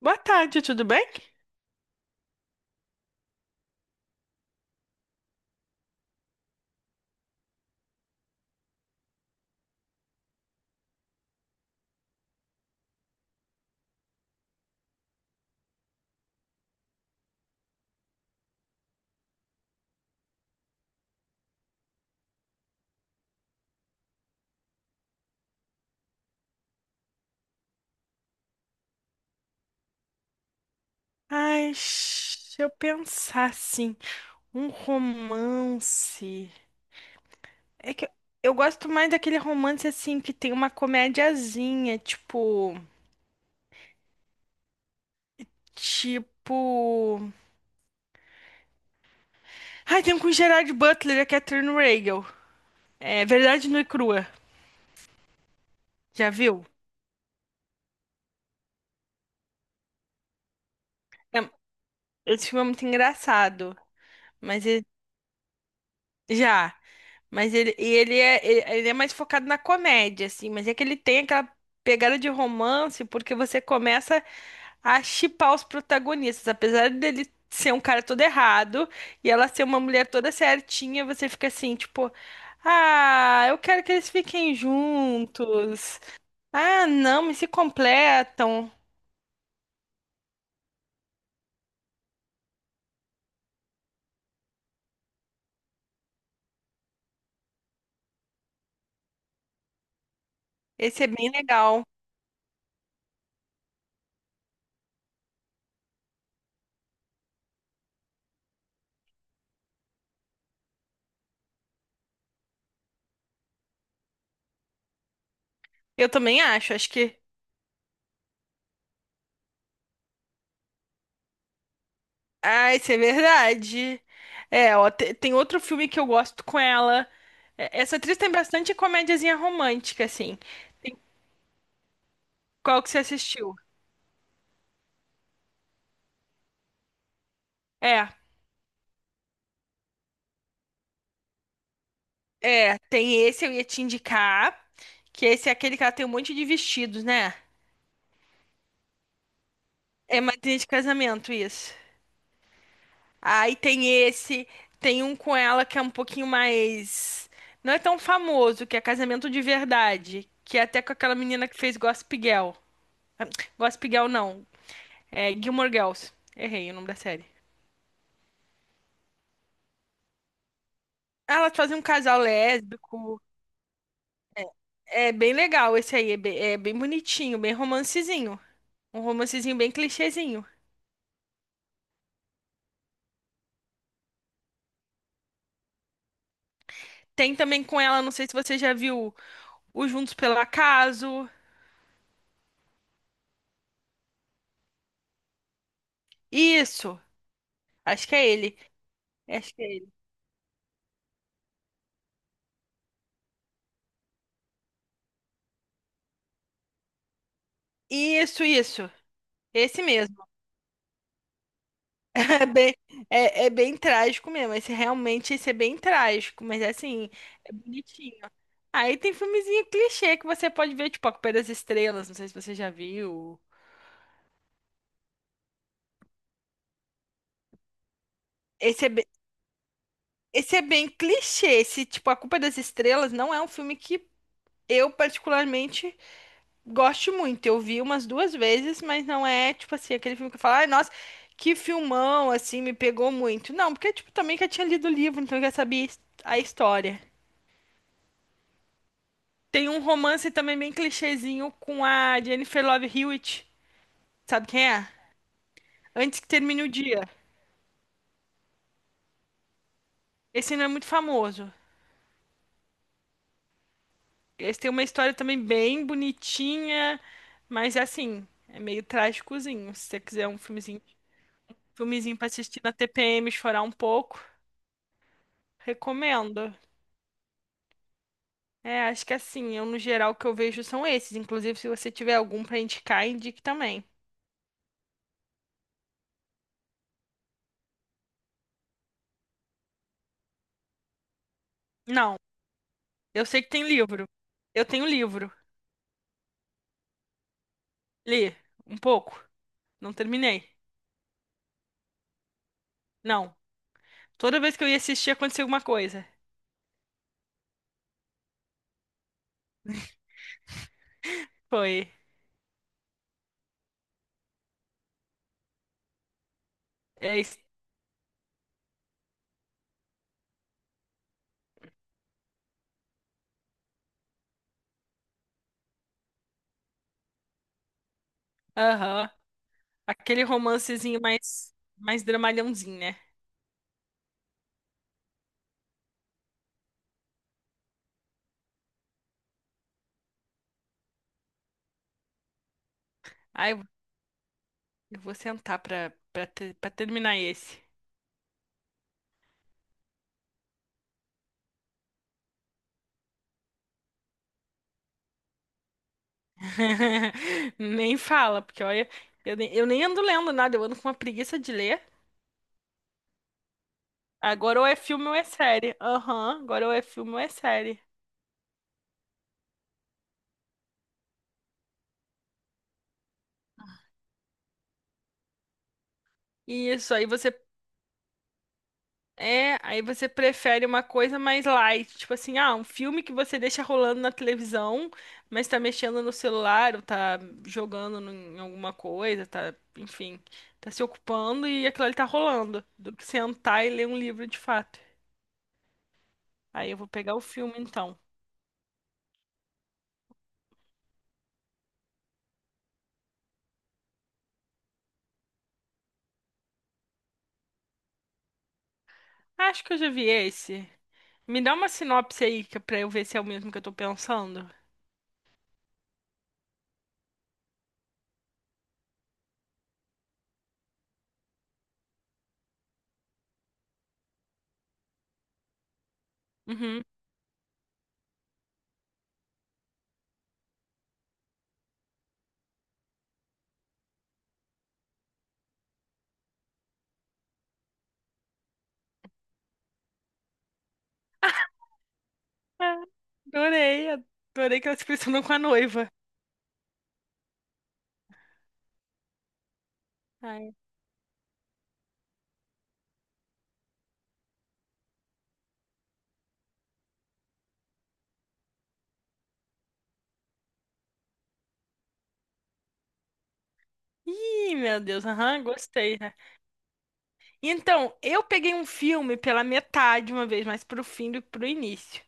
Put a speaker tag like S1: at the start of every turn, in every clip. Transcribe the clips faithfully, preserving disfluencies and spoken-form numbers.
S1: Boa tarde, tudo bem? Ai, se eu pensar assim, um romance. É que eu eu gosto mais daquele romance assim que tem uma comédiazinha, tipo, tipo, ai, tem um com o Gerard Butler e a Catherine Reigl. É Verdade Nua e Crua. Já viu? É, esse filme é muito engraçado, mas ele já, mas ele e ele é ele ele é mais focado na comédia assim, mas é que ele tem aquela pegada de romance porque você começa a shippar os protagonistas. Apesar dele ser um cara todo errado e ela ser uma mulher toda certinha, você fica assim, tipo, ah, eu quero que eles fiquem juntos. Ah, não, mas se completam. Esse é bem legal. Eu também acho, acho que. Ah, isso é verdade. É, ó, te- tem outro filme que eu gosto com ela. É, essa atriz tem bastante comédiazinha romântica, assim. Tem- Qual que você assistiu? É. É, tem esse eu ia te indicar, que esse é aquele que ela tem um monte de vestidos, né? É madrinha de casamento, isso. Aí tem esse, tem um com ela que é um pouquinho mais. Não é tão famoso, que é casamento de verdade. Que é até com aquela menina que fez Gossip Girl. Gossip Girl não, é Gilmore Girls. Errei o nome da série. Elas fazem um casal lésbico. É bem legal esse aí. É bem, é bem bonitinho, bem romancezinho. Um romancezinho bem clichêzinho. Tem também com ela, não sei se você já viu. O Juntos pelo Acaso. Isso. Acho que é ele. Acho que é ele. Isso, isso. Esse mesmo. É bem, é, é bem trágico mesmo. Esse realmente esse é bem trágico, mas é assim, é bonitinho. Aí tem filmezinho clichê que você pode ver, tipo, A Culpa é das Estrelas. Não sei se você já viu. Esse é, be- esse é bem clichê. Esse, tipo, A Culpa é das Estrelas não é um filme que eu particularmente gosto muito, eu vi umas duas vezes, mas não é tipo assim, aquele filme que eu falo, ai, nossa, que filmão, assim, me pegou muito. Não, porque tipo, também que eu tinha lido o livro, então eu já sabia his- a história. Tem um romance também bem clichêzinho com a Jennifer Love Hewitt, sabe quem é? Antes que Termine o Dia. Esse não é muito famoso. Esse tem uma história também bem bonitinha, mas assim, é meio trágicozinho. Se você quiser um filmezinho, filmezinho pra assistir na T P M, chorar um pouco, recomendo. É, acho que assim, eu no geral o que eu vejo são esses. Inclusive, se você tiver algum pra indicar, indique também. Não, eu sei que tem livro. Eu tenho livro. Li um pouco. Não terminei. Não. Toda vez que eu ia assistir, acontecia alguma coisa. Foi. É isso. Aham. Aquele romancezinho mais, mais dramalhãozinho, né? Ai, eu eu vou sentar pra, pra, ter- pra terminar esse. Nem fala, porque olha, eu nem, eu nem ando lendo nada, eu ando com uma preguiça de ler. Agora ou é filme ou é série. Aham, agora ou é filme ou é série. Isso, aí você é, aí você prefere uma coisa mais light, tipo assim, ah, um filme que você deixa rolando na televisão, mas tá mexendo no celular, ou tá jogando no- em alguma coisa, tá, enfim, tá se ocupando e aquilo ali tá rolando, do que sentar e ler um livro de fato. Aí eu vou pegar o filme então. Acho que eu já vi esse. Me dá uma sinopse aí que- pra eu ver se é o mesmo que eu tô pensando. Uhum. Ah, Adorei, adorei que ela se impressionou com a noiva. Ai. Ih, meu Deus, aham, gostei, né? Então, eu peguei um filme pela metade uma vez, mas pro fim do que pro início.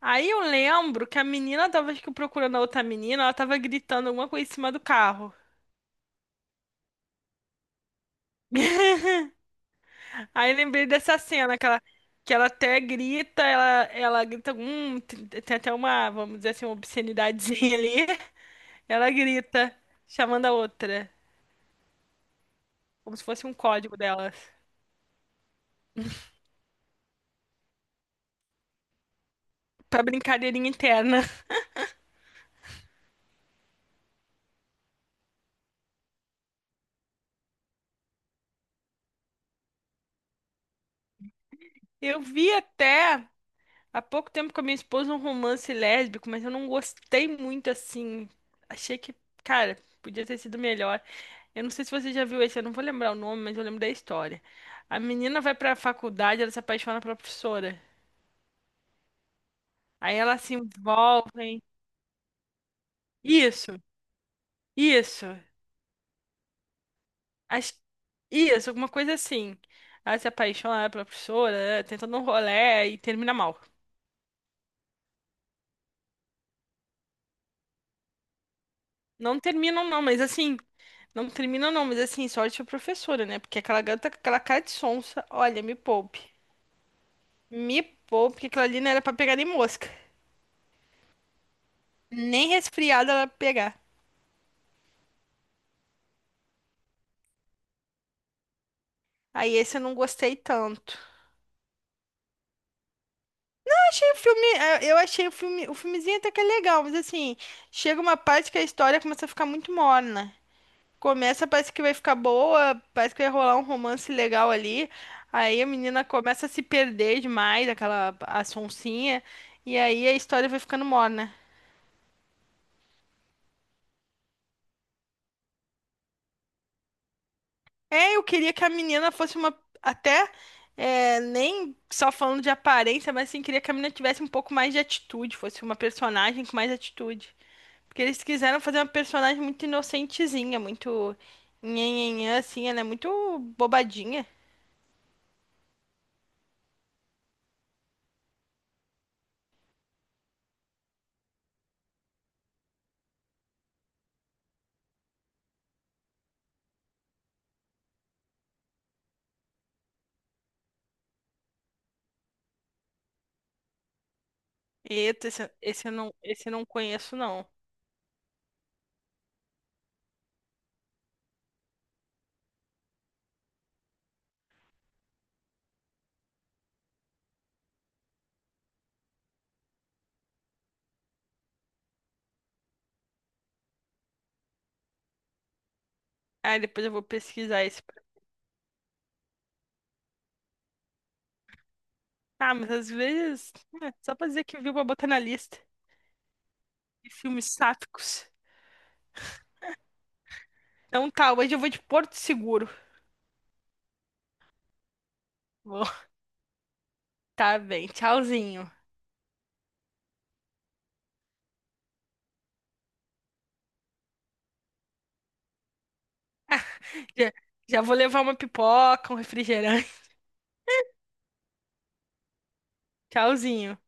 S1: Aí eu lembro que a menina tava, acho que procurando a outra menina, ela tava gritando alguma coisa em cima do carro. Aí eu lembrei dessa cena que ela, que ela até grita, ela, ela grita, hum, tem tem até uma, vamos dizer assim, uma obscenidadezinha ali. Ela grita, chamando a outra, como se fosse um código delas. Pra brincadeirinha interna. Eu vi até há pouco tempo com a minha esposa um romance lésbico, mas eu não gostei muito assim. Achei que, cara, podia ter sido melhor. Eu não sei se você já viu esse, eu não vou lembrar o nome, mas eu lembro da história. A menina vai pra faculdade, ela se apaixona pela professora. Aí elas se envolvem. Isso, isso. As- Isso, alguma coisa assim. Ela se apaixona pela professora, tenta dar um rolê e termina mal. Não terminam, não, mas assim. Não terminam, não, mas assim, sorte a professora, né? Porque aquela garota com aquela cara de sonsa, olha, me poupe. Me poupe, porque aquilo ali não era pra pegar nem mosca. Nem resfriada ela ia pegar. Aí esse eu não gostei tanto. Eu achei o filme, eh, eu achei o filme, o filmezinho até que é legal, mas assim, chega uma parte que a história começa a ficar muito morna. Começa, parece que vai ficar boa, parece que vai rolar um romance legal ali. Aí a menina começa a se perder demais, aquela a sonsinha, e aí a história vai ficando morna. É, eu queria que a menina fosse uma até é, nem só falando de aparência, mas assim, queria que a menina tivesse um pouco mais de atitude, fosse uma personagem com mais atitude. Porque eles quiseram fazer uma personagem muito inocentezinha, muito nhenhenhã, assim, ela é muito bobadinha. Eita, esse, esse eu não, esse eu não conheço, não. Aí depois eu vou pesquisar esse. Ah, mas às vezes, é, só pra dizer que viu pra botar na lista. E filmes sáficos. Então tá, hoje eu vou de Porto Seguro. Vou. Tá bem, tchauzinho. Já, já vou levar uma pipoca, um refrigerante. Tchauzinho.